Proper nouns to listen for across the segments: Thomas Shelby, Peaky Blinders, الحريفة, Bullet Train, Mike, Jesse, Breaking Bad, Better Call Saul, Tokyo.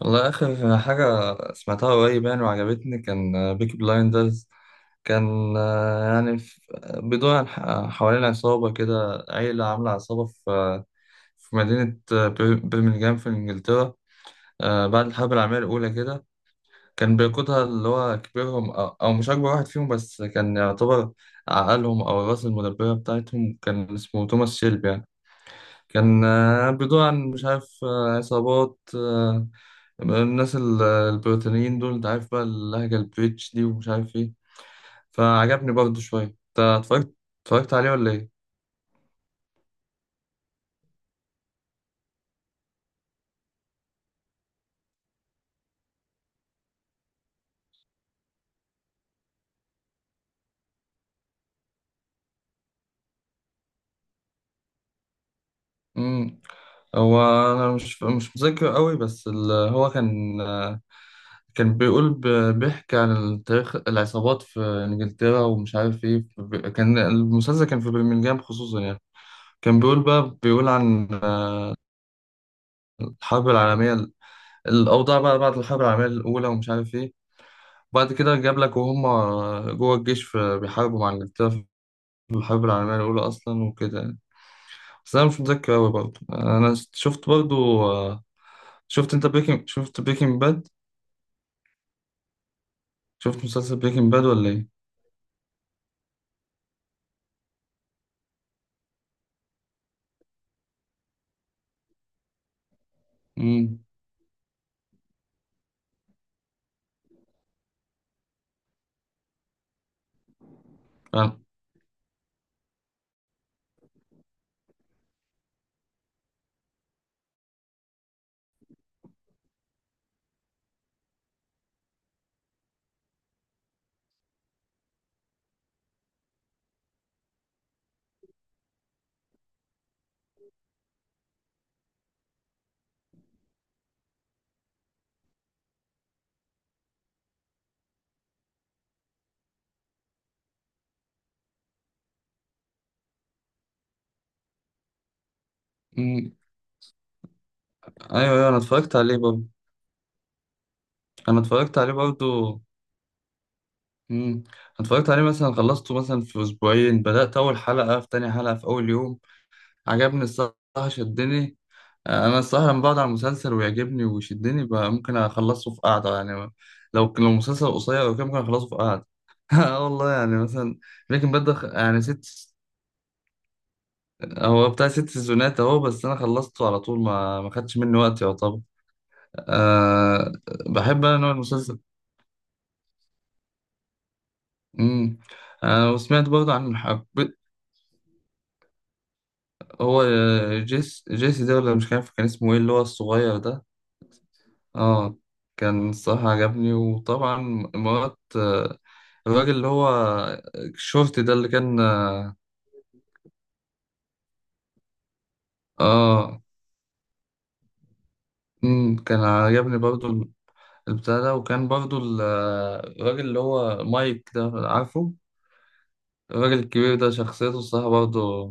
والله آخر حاجة سمعتها قريب يعني وعجبتني، كان بيكي بلايندرز. كان بيدور عن حوالين عصابة كده، عيلة عاملة عصابة في مدينة برمنجهام في إنجلترا، بعد الحرب العالمية الأولى كده. كان بيقودها اللي هو كبيرهم، أو مش أكبر واحد فيهم، بس كان يعتبر عقلهم أو الراس المدبرة بتاعتهم، كان اسمه توماس شيلبي يعني. كان بيدور عن، مش عارف، عصابات، الناس البريطانيين دول، انت عارف بقى اللهجة البريتش دي ومش عارف ايه. فعجبني برضه شوية. انت اتفرجت عليه ولا ايه؟ امم هو انا مش متذكر قوي، بس هو كان، كان بيقول ب- بيحكي عن تاريخ العصابات في انجلترا ومش عارف ايه. كان المسلسل كان في برمنجهام خصوصا يعني. كان بيقول عن، آه، الحرب العالمية الأوضاع بقى بعد الحرب العالمية الأولى ومش عارف إيه. وبعد كده جاب لك وهم جوه الجيش في بيحاربوا مع إنجلترا في الحرب العالمية الأولى أصلا وكده يعني. بس أنا مش متذكر أوي برضه. أنا شفت برضه شفت أنت بريكنج شفت بريكنج باد شفت مسلسل بريكنج باد ولا إيه؟ امم أنا- امم أيوه، أيوه، أنا اتفرجت عليه برضه. أنا اتفرجت عليه برضه. أنا اتفرجت عليه، مثلا خلصته مثلا في أسبوعين، بدأت أول حلقة في تاني حلقة في أول يوم. عجبني الصراحة، شدني. انا الصراحه لما بقعد على المسلسل ويعجبني ويشدني بقى، ممكن اخلصه في قعده يعني. لو مسلسل قصير او كده، ممكن اخلصه في قعده. اه، والله يعني مثلا، لكن بدا يعني ست هو بتاع ست سيزونات اهو، بس انا خلصته على طول، ما خدش مني وقت يعتبر. أه، بحب انا نوع المسلسل. امم أه، وسمعت برضه عن حب، هو جيسي ده، ولا مش عارف كان اسمه ايه، اللي هو الصغير ده. اه، كان الصراحة عجبني. وطبعا مرات، الراجل اللي هو الشورت ده اللي كان. اه كان عجبني برضو البتاع ده. وكان برضو الراجل اللي هو مايك ده، عارفه، الراجل الكبير ده، شخصيته الصراحة برضو.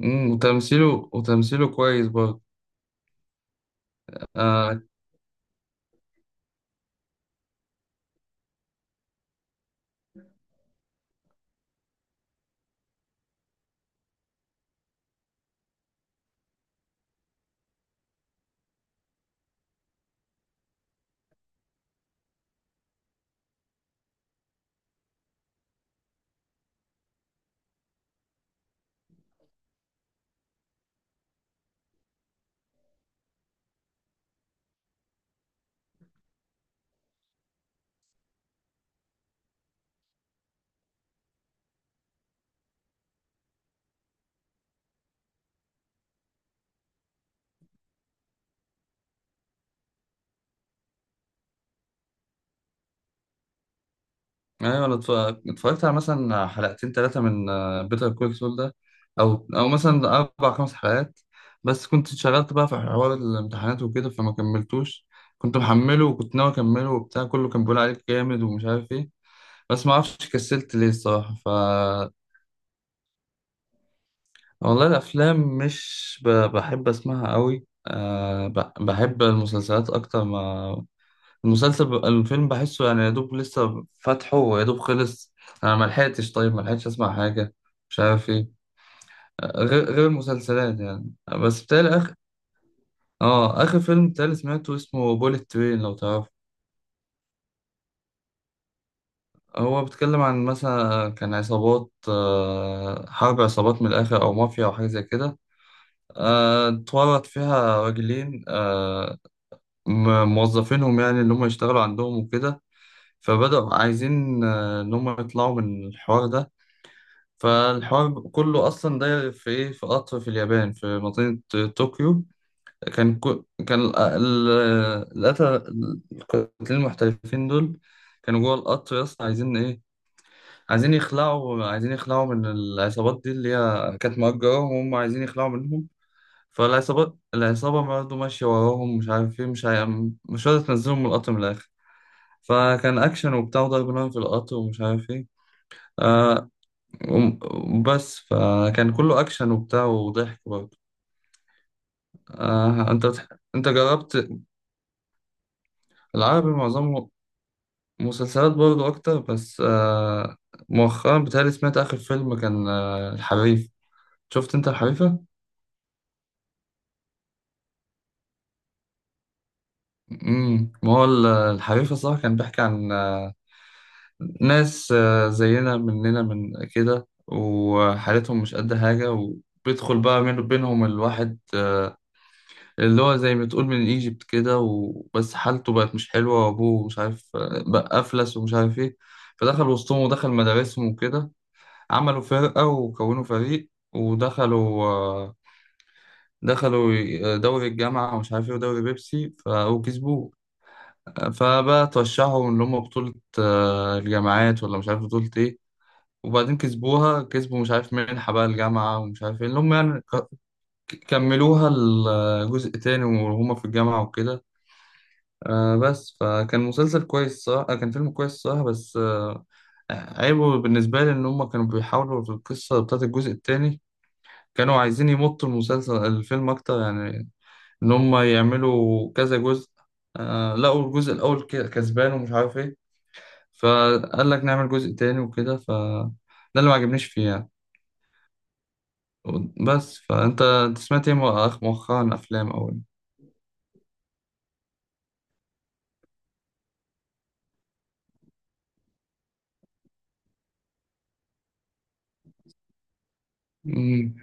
وتمثيله كويس برضو. آه، ايوه، اتفرجت على مثلا حلقتين ثلاثه من بيتر كول سول ده، او مثلا اربع خمس حلقات. بس كنت اتشغلت بقى في حوار الامتحانات وكده، فما كملتوش. كنت محمله وكنت ناوي اكمله، وبتاع كله كان بيقول عليك جامد ومش عارف ايه. بس ما اعرفش كسلت ليه الصراحه. ف، والله الافلام مش بحب اسمعها قوي، بحب المسلسلات اكتر ما المسلسل. الفيلم بحسه يعني يا دوب لسه فاتحه ويا دوب خلص. انا ما لحقتش، طيب ما لحقتش اسمع حاجه، مش عارف ايه، غير المسلسلات يعني. بس بتهيألي اخر، اه، اخر فيلم بتهيألي سمعته اسمه بوليت ترين، لو تعرفه. هو بيتكلم عن، مثلا كان عصابات، حرب عصابات من الاخر، او مافيا او حاجه زي كده. اتورط فيها راجلين، موظفينهم يعني، اللي هم يشتغلوا عندهم وكده. فبدأوا عايزين إن هم يطلعوا من الحوار ده. فالحوار بيبقى كله اصلا داير في ايه، في قطر في اليابان في مدينة طوكيو. كان كو كان ال- ال- القتلة القاتلين المحترفين دول كانوا جوه القطر، يا اسطى عايزين ايه، عايزين يخلعوا من العصابات دي، اللي هي كانت مأجراهم، وهم عايزين يخلعوا منهم. العصابة برضه ماشية وراهم، مش عارف ايه، مش عارف، مش راضية تنزلهم من القطر من الآخر. فكان أكشن وبتاع وضرب نار في القطر ومش عارف ايه. آه، بس فكان كله أكشن وبتاع وضحك برضه. آه أنت بتح... أنت جربت العربي؟ معظمه مسلسلات برضه أكتر، بس مؤخرا بتهيألي سمعت آخر فيلم كان، الحريف. شفت أنت الحريفة؟ ما هو الحريفة، صح، كان بيحكي عن ناس، زينا مننا من كده، وحالتهم مش قد حاجة، وبيدخل بقى من بينهم الواحد، اللي هو زي ما تقول من ايجيبت كده، وبس حالته بقت مش حلوة وابوه مش عارف، بقى افلس ومش عارف ايه، فدخل وسطهم ودخل مدارسهم وكده. عملوا فرقة وكونوا فريق، ودخلوا دخلوا دوري الجامعة ومش عارف ايه ودوري بيبسي، وكسبوه. فبقى ترشحوا ان هم بطولة الجامعات ولا مش عارف بطولة ايه، وبعدين كسبوها، كسبوا مش عارف منحة بقى الجامعة ومش عارف ايه اللي هم يعني كملوها الجزء تاني وهم في الجامعة وكده. بس فكان مسلسل كويس، صح، كان فيلم كويس، صح، بس عيبه بالنسبة لي إن هما كانوا بيحاولوا في القصة بتاعت الجزء التاني، كانوا عايزين يمطوا الفيلم أكتر يعني، إن هما يعملوا كذا جزء. لقوا الجزء الأول كسبان ومش عارف إيه، فقال لك نعمل جزء تاني وكده. ف، ده اللي ما عجبنيش فيه يعني. بس، فأنت سمعت إيه مؤخرا أفلام أول؟ مم.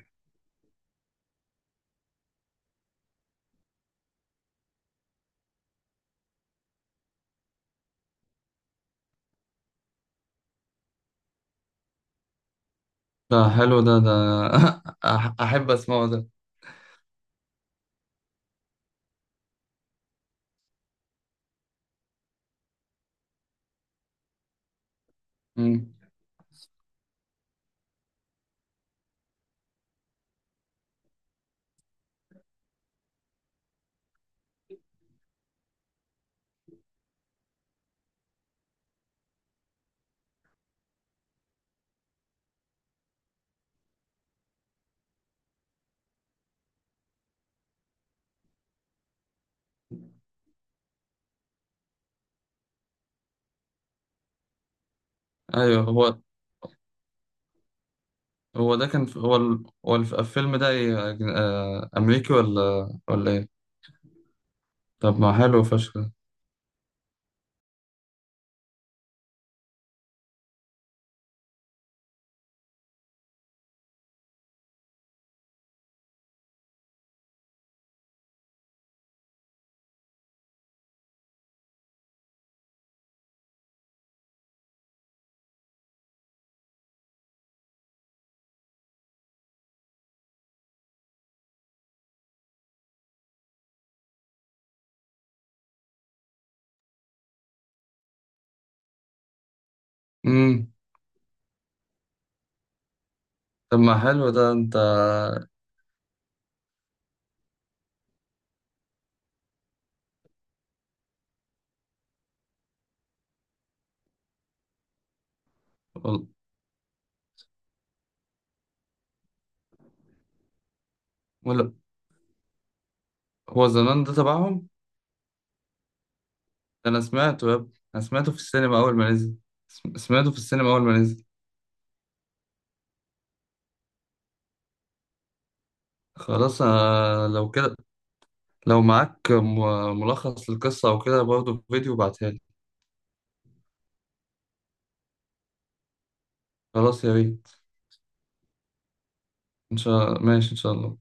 ده حلو ده. أحب أسمعه ده. مم. ايوه، هو ده كان، الفيلم ده إيه؟ أمريكي ولا إيه؟ طب ما حلو فشخ ده. امم طب ما حلو ده. أنت وال- ولا هو زمان ده تبعهم؟ ده أنا سمعته يا ابني، أنا سمعته في السينما أول ما نزل. سمعته في السينما أول ما نزل. خلاص، أنا لو كده، لو معاك ملخص للقصة أو كده برضه فيديو، بعتها لي. خلاص يا ريت. إن شاء الله، ماشي إن شاء الله.